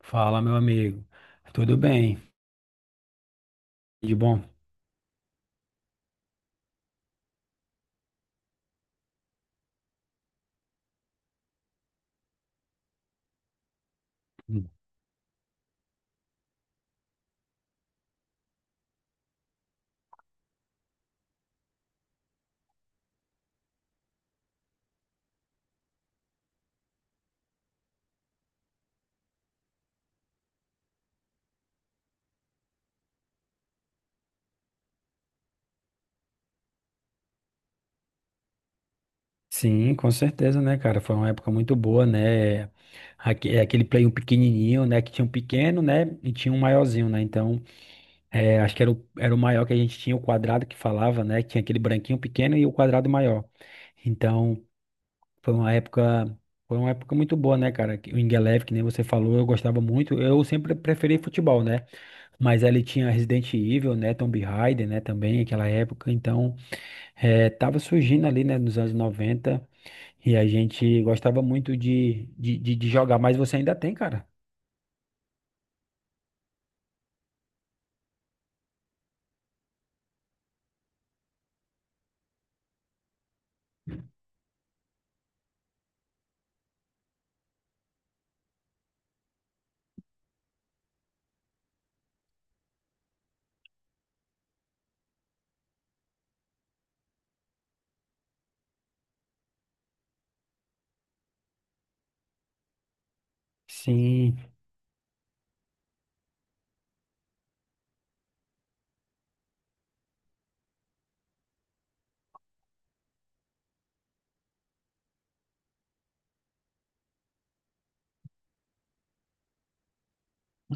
Fala, meu amigo. Tudo bem? De bom? Hum. Sim, com certeza, né, cara? Foi uma época muito boa, né? Aquele play um pequenininho, né? Que tinha um pequeno, né? E tinha um maiorzinho, né? Então, acho que era o maior que a gente tinha, o quadrado que falava, né? Que tinha aquele branquinho pequeno e o quadrado maior. Então, foi uma época, foi uma época muito boa, né, cara? Que o Ingeleve, que nem você falou, eu gostava muito. Eu sempre preferi futebol, né? Mas ali tinha Resident Evil, né? Tomb Raider, né? Também, aquela época. Então, tava surgindo ali, né, nos anos 90, e a gente gostava muito de jogar, mas você ainda tem, cara? Sim.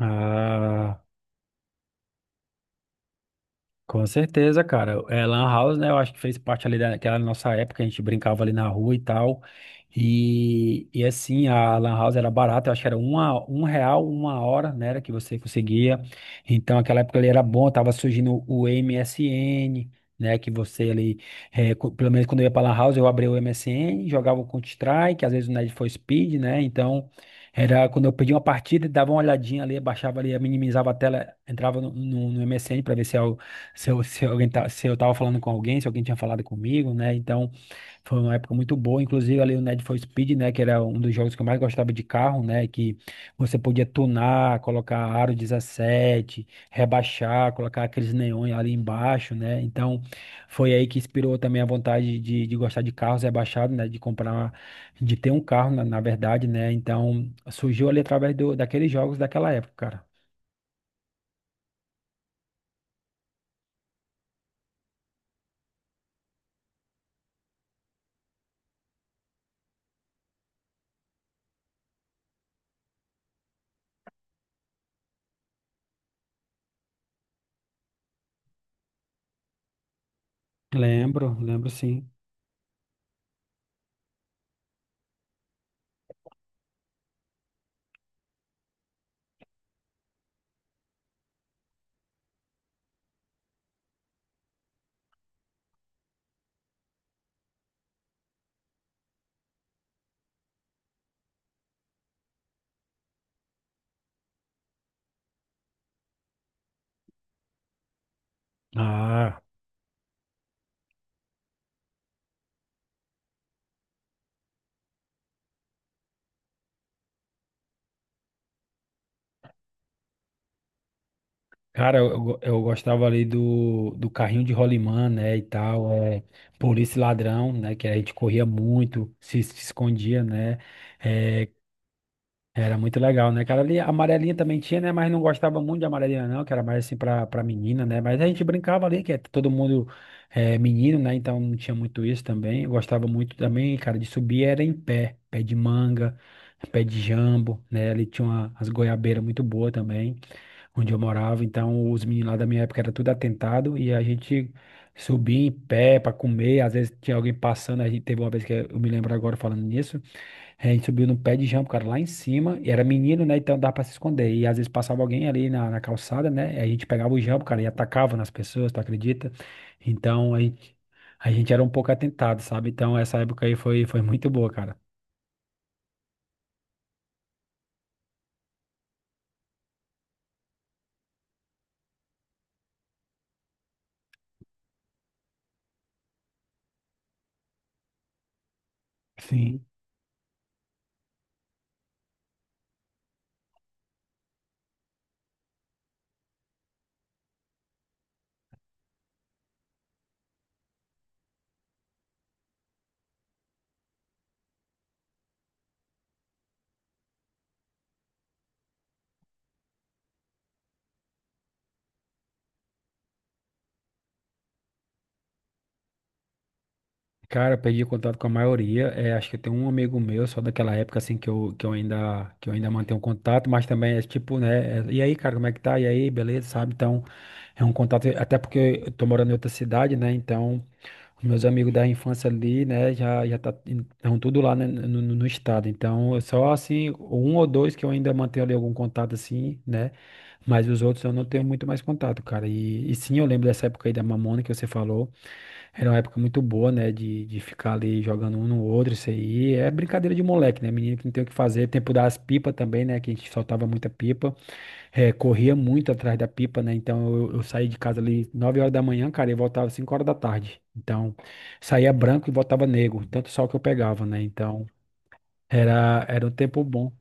Ah, com certeza, cara. É, Lan House, né? Eu acho que fez parte ali daquela nossa época, a gente brincava ali na rua e tal. E, assim, a Lan House era barata, eu acho que era um real, uma hora, né? Era que você conseguia. Então, aquela época ali era bom, tava surgindo o MSN, né? Que você ali, pelo menos quando eu ia pra Lan House, eu abria o MSN, jogava o Counter-Strike, às vezes o Need for Speed, né? Então, era quando eu pedia uma partida, dava uma olhadinha ali, baixava ali, minimizava a tela, entrava no MSN para ver se eu, se alguém tá, se eu tava falando com alguém, se alguém tinha falado comigo, né? Então, foi uma época muito boa. Inclusive, ali o Need for Speed, né? Que era um dos jogos que eu mais gostava de carro, né? Que você podia tunar, colocar aro 17, rebaixar, colocar aqueles neões ali embaixo, né? Então, foi aí que inspirou também a vontade de gostar de carros rebaixados, né? De comprar, de ter um carro, na verdade, né? Então, surgiu ali através daqueles jogos daquela época, cara. Lembro, lembro sim. Ah. Cara, eu gostava ali do carrinho de rolimã, né, e tal, polícia e ladrão, né, que a gente corria muito, se escondia, né, é, era muito legal, né, cara, ali a amarelinha também tinha, né, mas não gostava muito de amarelinha não, que era mais assim pra menina, né, mas a gente brincava ali, que é todo mundo menino, né, então não tinha muito isso também, eu gostava muito também, cara, de subir era em pé, pé de manga, pé de jambo, né, ali tinha as goiabeiras muito boas também, onde eu morava. Então, os meninos lá da minha época era tudo atentado e a gente subia em pé para comer. Às vezes tinha alguém passando. A gente teve uma vez que eu me lembro agora falando nisso. A gente subiu no pé de jambo, cara, lá em cima. E era menino, né? Então dava para se esconder. E às vezes passava alguém ali na calçada, né? E a gente pegava o jambo, cara, e atacava nas pessoas, tu acredita? Então, a gente era um pouco atentado, sabe? Então, essa época aí foi muito boa, cara. Sim. Cara, eu perdi contato com a maioria. É, acho que eu tenho um amigo meu, só daquela época assim que eu ainda mantenho contato, mas também é tipo, né? E aí, cara, como é que tá? E aí, beleza, sabe? Então, é um contato, até porque eu tô morando em outra cidade, né? Então, os meus amigos da infância ali, né, já já estão tudo lá, né, no estado. Então, é só assim, um ou dois que eu ainda mantenho ali algum contato assim, né? Mas os outros eu não tenho muito mais contato, cara. E, sim, eu lembro dessa época aí da Mamona que você falou. Era uma época muito boa, né? De ficar ali jogando um no outro, isso aí. É brincadeira de moleque, né? Menino que não tem o que fazer. Tempo das pipas também, né? Que a gente soltava muita pipa. Corria muito atrás da pipa, né? Então eu saí de casa ali 9 horas da manhã, cara, e voltava 5 horas da tarde. Então saía branco e voltava negro. Tanto sol que eu pegava, né? Então era um tempo bom.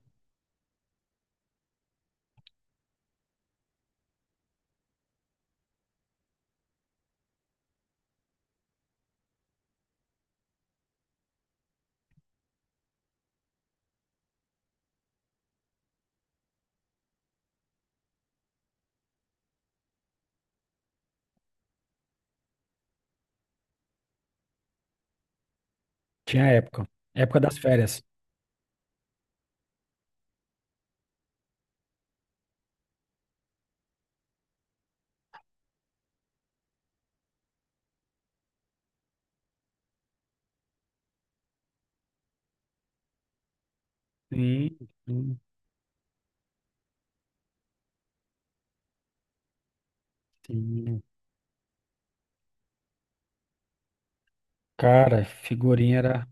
Tinha época. Época das férias. Sim, sim, sim. Cara, figurinha era.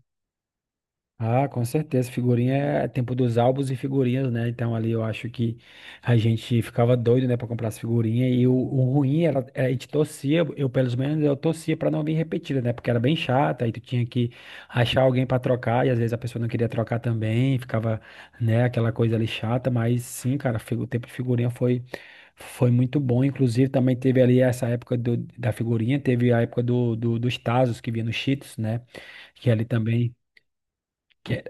Ah, com certeza. Figurinha é tempo dos álbuns e figurinhas, né? Então ali eu acho que a gente ficava doido, né, pra comprar as figurinhas. E o ruim era a gente torcia, eu pelo menos eu torcia pra não vir repetida, né? Porque era bem chata, aí tu tinha que achar alguém pra trocar, e às vezes a pessoa não queria trocar também, ficava, né, aquela coisa ali chata. Mas sim, cara, o tempo de figurinha foi. Foi muito bom, inclusive também teve ali essa época da figurinha, teve a época dos Tazos que vinha no Cheetos, né? Que ali também, que,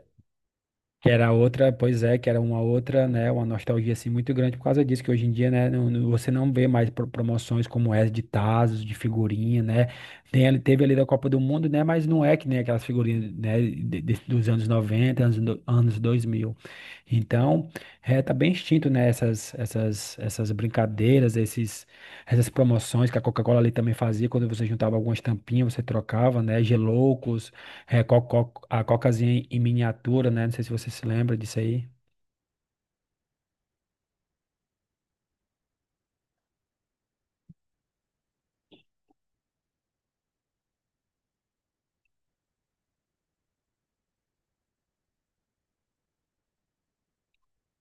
que era outra, pois é, que era uma outra, né, uma nostalgia assim muito grande por causa disso, que hoje em dia, né, você não vê mais promoções como essa de tazos, de figurinha, né, tem, teve ali da Copa do Mundo, né, mas não é que nem aquelas figurinhas, né, dos anos 90 anos, anos 2000. Então, tá bem extinto, né, essas brincadeiras, essas promoções que a Coca-Cola ali também fazia, quando você juntava algumas tampinhas, você trocava, né, geloucos, a cocazinha em miniatura, né? Não sei se você se lembra disso aí.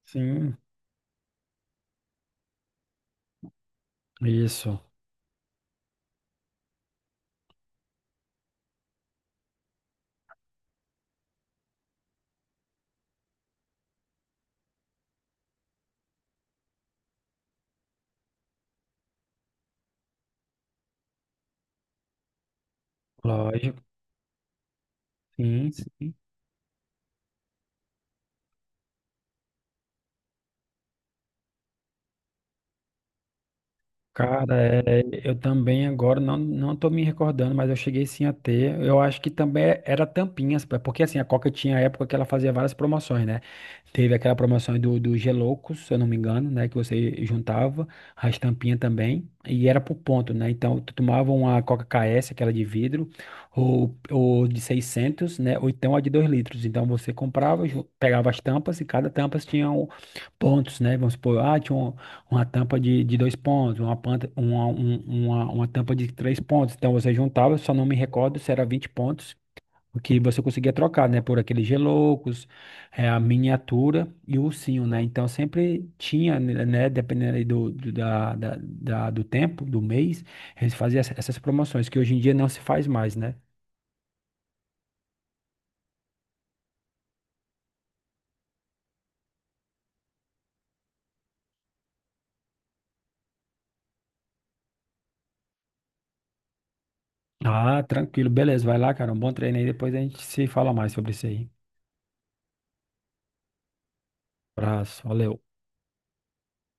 Sim. Isso, lógico. Sim, sim. Cara, eu também agora não tô me recordando, mas eu cheguei sim a ter. Eu acho que também era tampinhas, pá, porque assim, a Coca tinha a época que ela fazia várias promoções, né? Teve aquela promoção do Geloucos, se eu não me engano, né? Que você juntava as tampinhas também, e era por ponto, né? Então, tu tomava uma Coca KS, aquela de vidro, ou de 600, né? Ou então a de 2 litros. Então, você comprava, pegava as tampas, e cada tampa tinha pontos, né? Vamos supor, ah, tinha um. Uma tampa de 2 pontos, uma, panta, uma, um- uma tampa de 3 pontos. Então você juntava, só não me recordo se era 20 pontos, o que você conseguia trocar, né? Por aqueles geloucos, a miniatura e o ursinho, né? Então sempre tinha, né? Dependendo aí do, do, da, da, da- do tempo, do mês, eles faziam essas promoções, que hoje em dia não se faz mais, né? Ah, tranquilo, beleza, vai lá, cara. Um bom treino aí, depois a gente se fala mais sobre isso aí. Abraço, valeu.